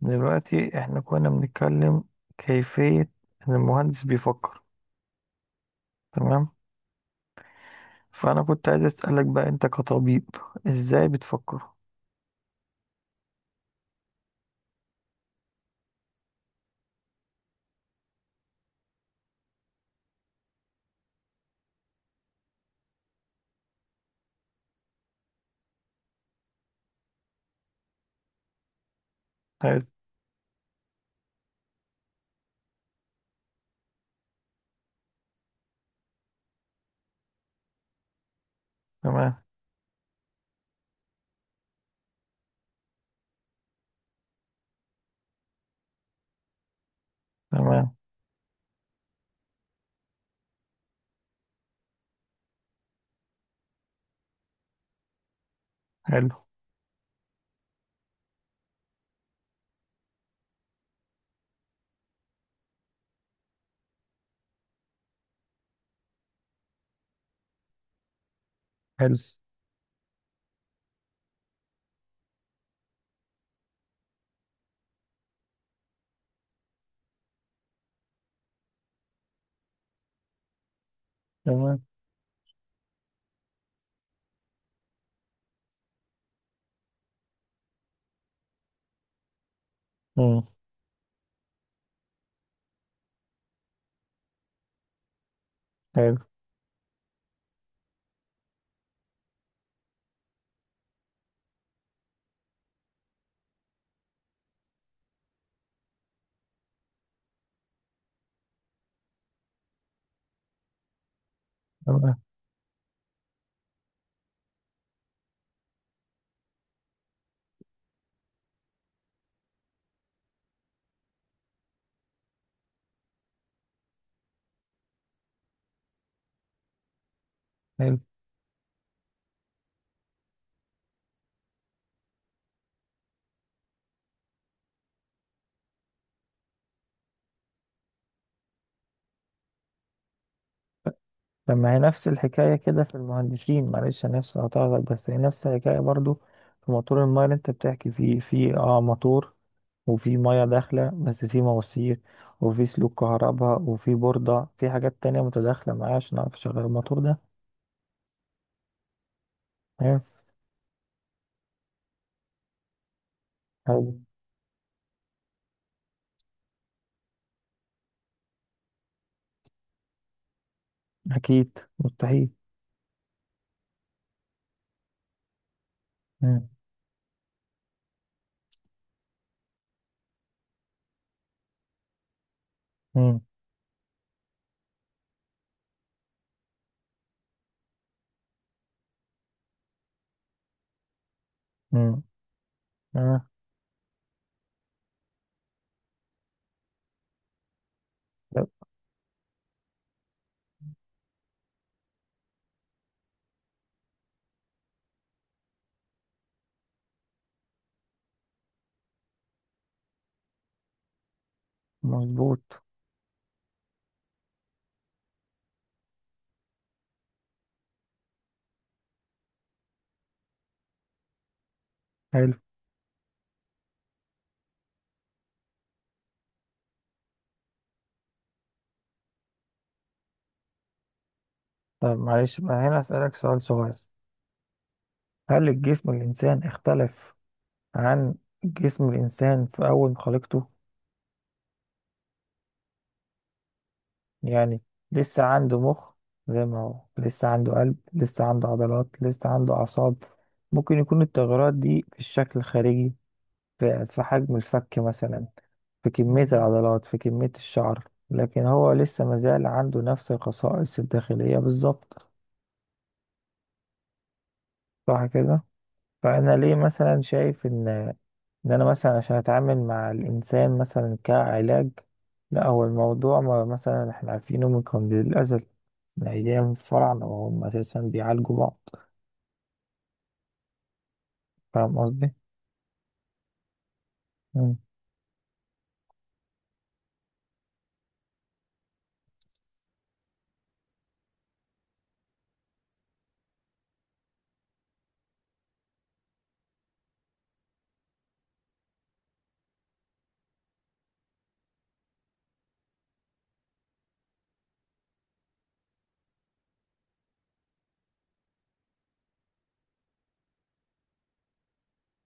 دلوقتي احنا كنا بنتكلم كيفية ان المهندس بيفكر. تمام. فانا كنت عايز اسألك بقى انت كطبيب ازاي بتفكر. حلو. تمام. تمام. حلو. حلو. تمام. مم. حلو. تمام. حلو. طب ما هي نفس الحكاية كده في المهندسين، معلش أنا آسف هقطعك، بس هي نفس الحكاية برضو. في موتور الماية اللي أنت بتحكي فيه، في موتور، وفي مية داخلة بس في مواسير، وفي سلوك كهرباء وفي بوردة، في حاجات تانية متداخلة معاه عشان أعرف أشغل الموتور ده. أيوة. أيوة. أكيد مستحيل. مم. مم. مم. آه. لا. مظبوط. حلو. طب معلش بقى هنا أسألك سؤال صغير. هل الجسم الإنسان اختلف عن جسم الإنسان في أول ما خلقته؟ يعني لسه عنده مخ زي ما هو، لسه عنده قلب، لسه عنده عضلات، لسه عنده أعصاب. ممكن يكون التغيرات دي في الشكل الخارجي، في حجم الفك مثلا، في كمية العضلات، في كمية الشعر، لكن هو لسه مازال عنده نفس الخصائص الداخلية بالظبط. صح كده؟ فأنا ليه مثلا شايف إن انا مثلا عشان اتعامل مع الانسان مثلا كعلاج. لا، هو الموضوع ما مثلا احنا عارفينه من قبل الازل، من ايام الفراعنه وهم اساسا بيعالجوا بعض. فاهم قصدي؟ مم.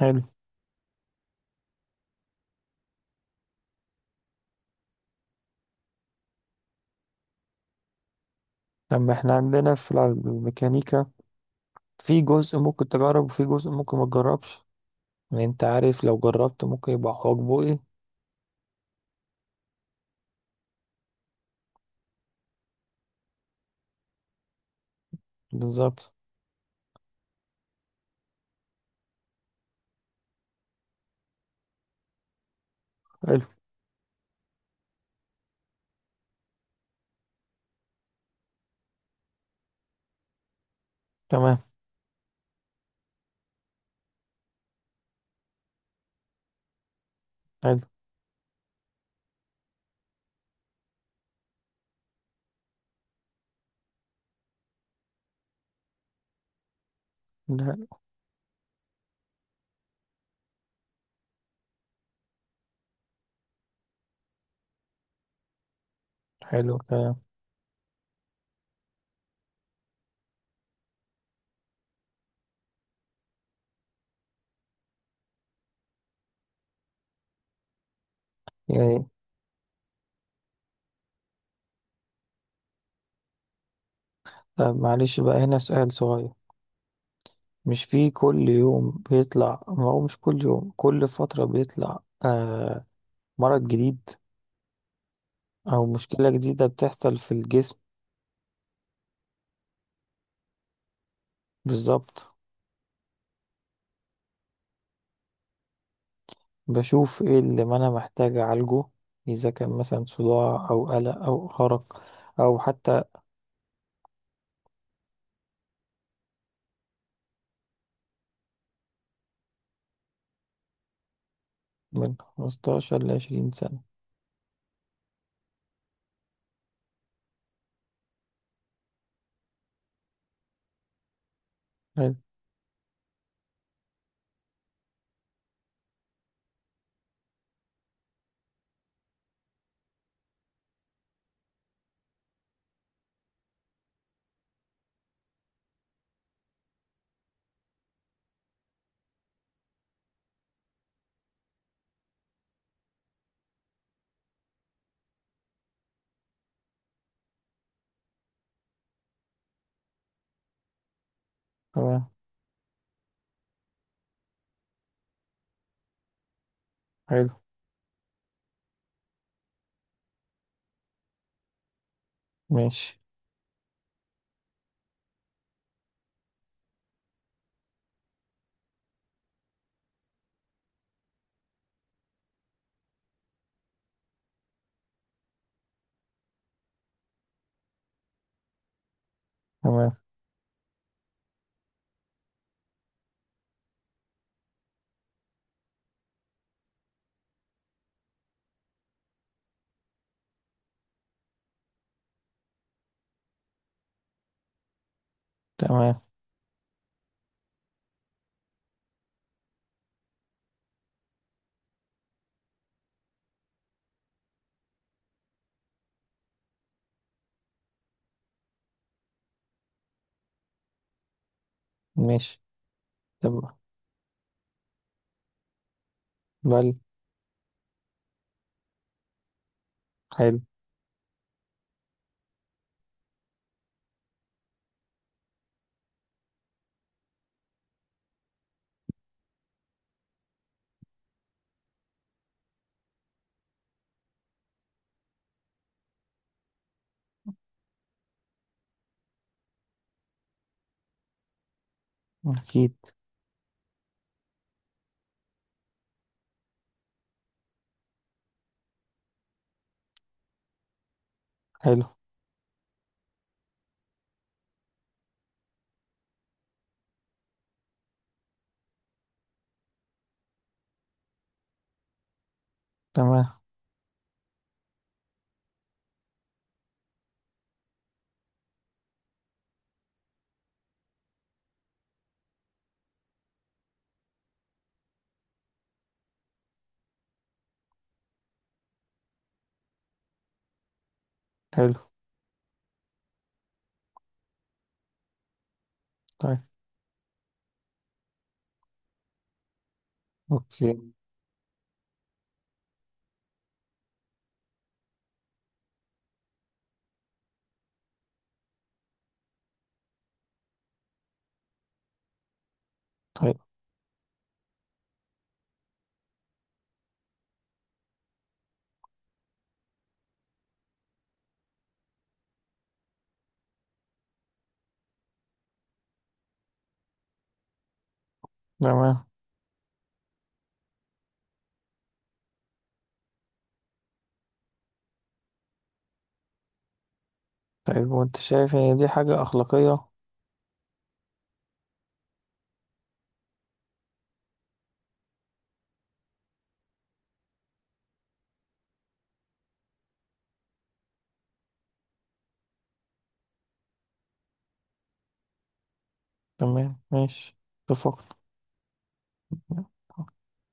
حلو. طب احنا عندنا في الميكانيكا في جزء ممكن تجرب وفي جزء ممكن ما تجربش. يعني انت عارف لو جربت ممكن يبقى حواجبه ايه. بالظبط. حلو. تمام. حلو. ده. حلو كلام. يعني. طب معلش بقى هنا سؤال صغير. مش في كل يوم بيطلع، ما هو مش كل يوم، كل فترة بيطلع آه مرض جديد أو مشكلة جديدة بتحصل في الجسم. بالظبط. بشوف ايه اللي ما أنا محتاج أعالجه، إذا كان مثلا صداع أو قلق أو أرق، أو حتى من 15 لـ 20 سنة. حلو. تمام. حلو. ماشي. تمام. تمام ماشي. تمام. بل. حلو. أكيد. حلو. تمام. حلو. طيب. أوكي. طيب. تمام. طيب وانت شايف ان دي حاجة اخلاقية؟ تمام ماشي. اتفقت.